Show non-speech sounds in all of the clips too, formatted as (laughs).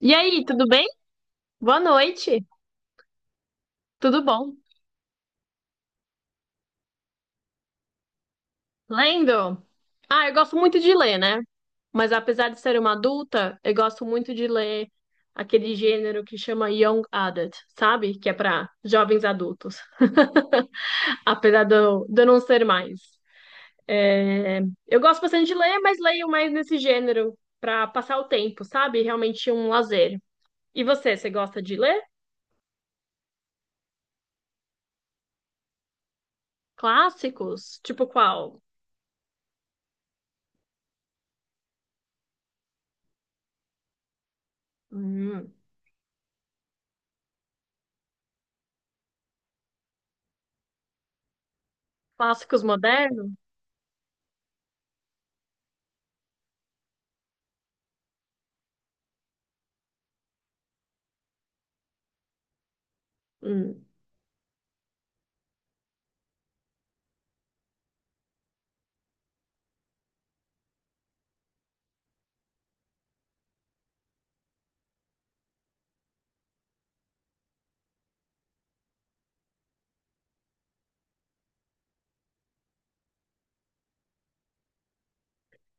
E aí, tudo bem? Boa noite. Tudo bom? Lendo? Ah, eu gosto muito de ler, né? Mas apesar de ser uma adulta, eu gosto muito de ler aquele gênero que chama Young Adult, sabe? Que é para jovens adultos. (laughs) Apesar de eu não ser mais. É, Eu gosto bastante de ler, mas leio mais nesse gênero para passar o tempo, sabe? Realmente um lazer. E você gosta de ler? Clássicos? Tipo qual? Hum. Clássicos modernos? Hum.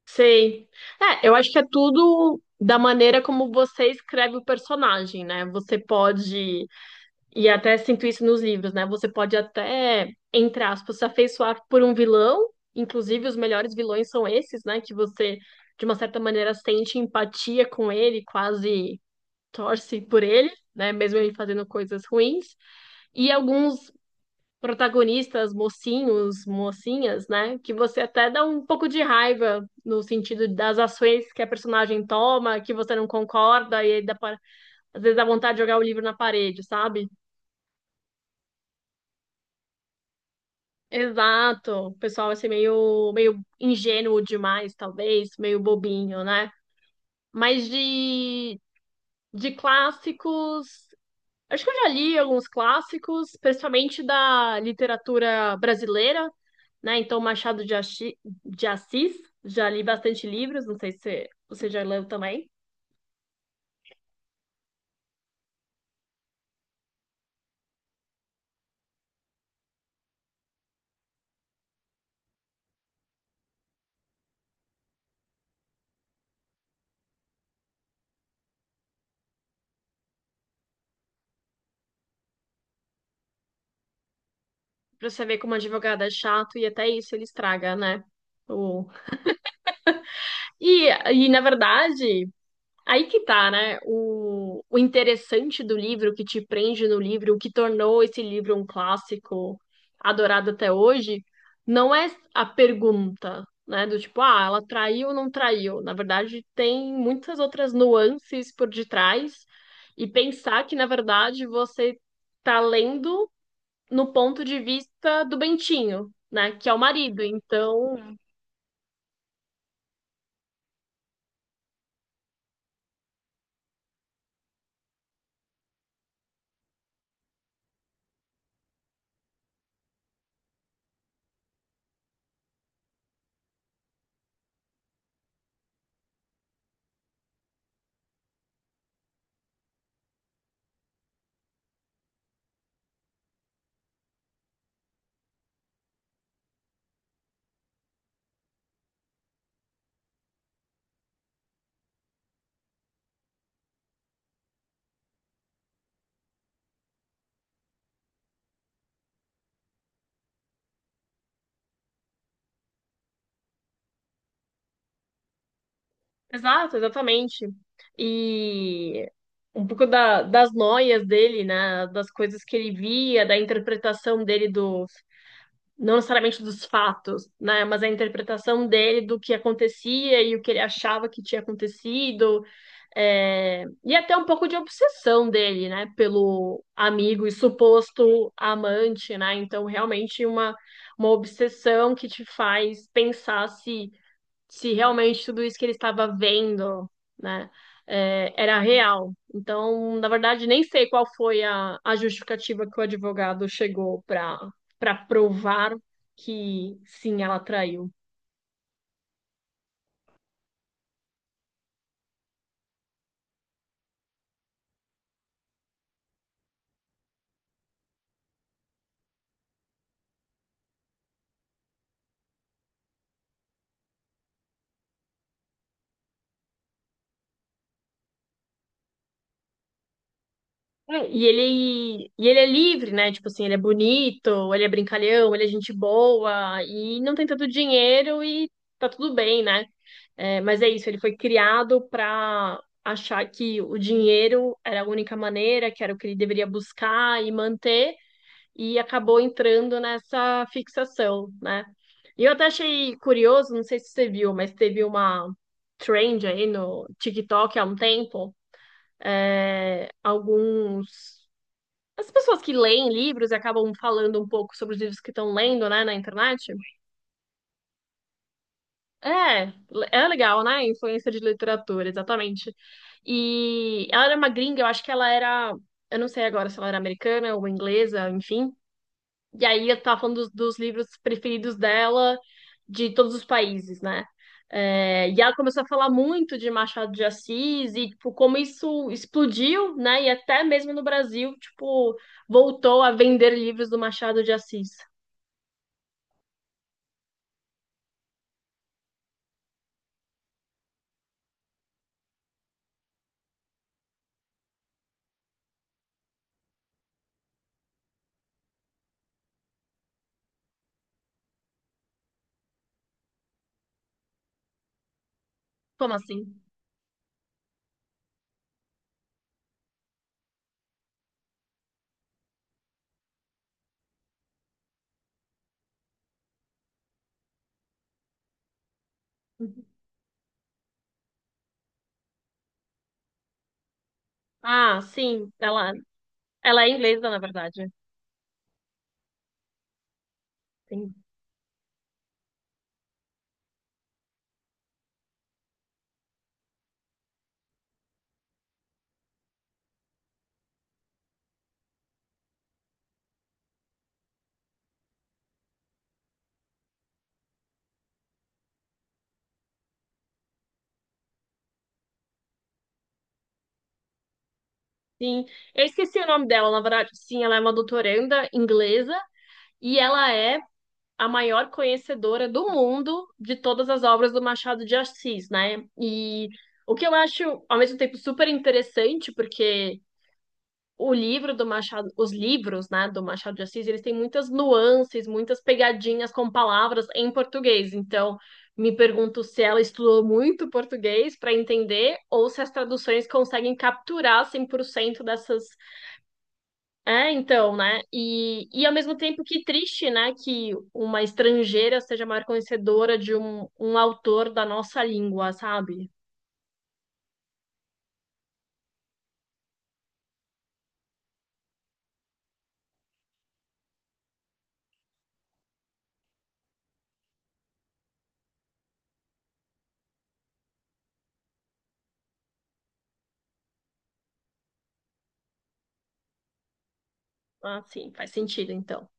Sei. É, eu acho que é tudo da maneira como você escreve o personagem, né? Você pode, e até sinto isso nos livros, né? Você pode até, entre aspas, se afeiçoar por um vilão, inclusive os melhores vilões são esses, né? Que você, de uma certa maneira, sente empatia com ele, quase torce por ele, né? Mesmo ele fazendo coisas ruins. E alguns protagonistas, mocinhos, mocinhas, né? Que você até dá um pouco de raiva no sentido das ações que a personagem toma, que você não concorda, e aí às vezes dá vontade de jogar o livro na parede, sabe? Exato. O pessoal vai meio ingênuo demais, talvez, meio bobinho, né? Mas de clássicos. Acho que eu já li alguns clássicos, principalmente da literatura brasileira, né? Então, de Assis, já li bastante livros, não sei se você já leu também. Pra você ver como advogado é chato e até isso ele estraga, né? O... na verdade, aí que tá, né? O interessante do livro, o que te prende no livro, o que tornou esse livro um clássico adorado até hoje, não é a pergunta, né? Do tipo, ah, ela traiu ou não traiu? Na verdade, tem muitas outras nuances por detrás. E pensar que, na verdade, você tá lendo no ponto de vista do Bentinho, né? Que é o marido. Então. Exato, exatamente. E um pouco das noias dele, né? Das coisas que ele via, da interpretação dele dos, não necessariamente dos fatos, né? Mas a interpretação dele do que acontecia e o que ele achava que tinha acontecido. E até um pouco de obsessão dele, né? Pelo amigo e suposto amante, né? Então, realmente uma obsessão que te faz pensar se realmente tudo isso que ele estava vendo, né, era real. Então, na verdade, nem sei qual foi a justificativa que o advogado chegou para provar que sim, ela traiu. É, E ele é livre, né? Tipo assim, ele é bonito, ele é brincalhão, ele é gente boa e não tem tanto dinheiro e tá tudo bem, né? É, mas é isso, ele foi criado para achar que o dinheiro era a única maneira, que era o que ele deveria buscar e manter, e acabou entrando nessa fixação, né? E eu até achei curioso, não sei se você viu, mas teve uma trend aí no TikTok há um tempo, é, alguns. As pessoas que leem livros e acabam falando um pouco sobre os livros que estão lendo, né, na internet. É, é legal, né? Influência de literatura, exatamente. E ela era uma gringa, eu acho que ela era, eu não sei agora se ela era americana ou inglesa, enfim. E aí eu tava falando dos livros preferidos dela de todos os países, né? É, e ela começou a falar muito de Machado de Assis e tipo, como isso explodiu, né? E até mesmo no Brasil, tipo, voltou a vender livros do Machado de Assis. Como assim? Ah, sim, ela, ela é inglesa, na verdade. Tem- Sim, eu esqueci o nome dela, na verdade. Sim, ela é uma doutoranda inglesa e ela é a maior conhecedora do mundo de todas as obras do Machado de Assis, né? E o que eu acho, ao mesmo tempo, super interessante, porque o livro do Machado, os livros, né, do Machado de Assis, eles têm muitas nuances, muitas pegadinhas com palavras em português. Então, me pergunto se ela estudou muito português para entender ou se as traduções conseguem capturar 100% dessas. É, então, né? E ao mesmo tempo que triste, né, que uma estrangeira seja maior conhecedora de um autor da nossa língua, sabe? Ah, sim, faz sentido, então.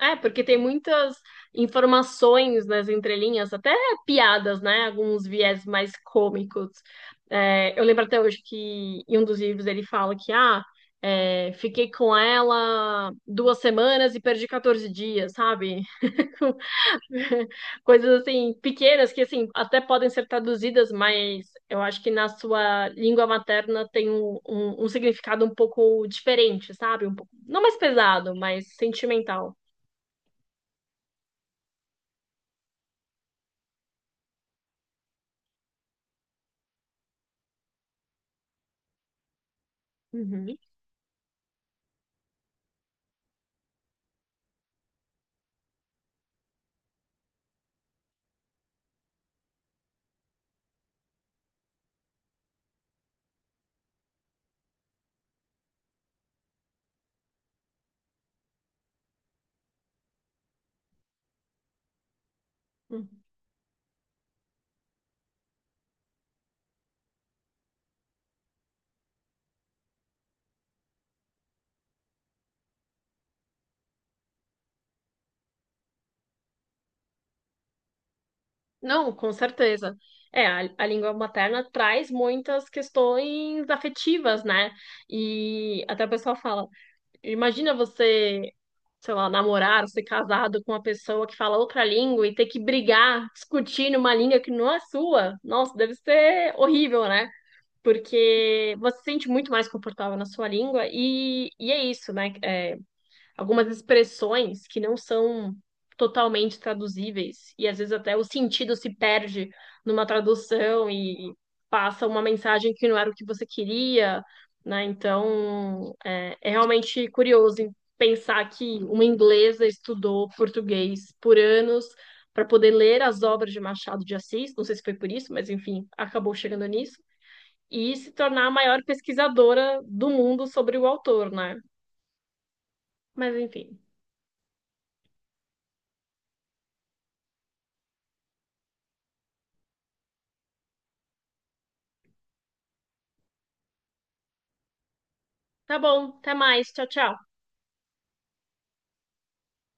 É, porque tem muitas informações nas entrelinhas, até piadas, né? Alguns viés mais cômicos. É, eu lembro até hoje que em um dos livros ele fala que, ah, fiquei com ela 2 semanas e perdi 14 dias, sabe? (laughs) (laughs) Coisas assim, pequenas que assim, até podem ser traduzidas, mas eu acho que na sua língua materna tem um significado um pouco diferente, sabe? Um pouco, não mais pesado, mas sentimental. Uhum. Uhum. Não, com certeza. É, a língua materna traz muitas questões afetivas, né? E até o pessoal fala, imagina você sei lá, namorar, ou ser casado com uma pessoa que fala outra língua e ter que brigar, discutir numa língua que não é sua, nossa, deve ser horrível, né? Porque você se sente muito mais confortável na sua língua e é isso, né? É, algumas expressões que não são totalmente traduzíveis, e às vezes até o sentido se perde numa tradução e passa uma mensagem que não era o que você queria, né? Então, é realmente curioso pensar que uma inglesa estudou português por anos para poder ler as obras de Machado de Assis, não sei se foi por isso, mas enfim, acabou chegando nisso, e se tornar a maior pesquisadora do mundo sobre o autor, né? Mas enfim. Tá bom, até mais. Tchau, tchau.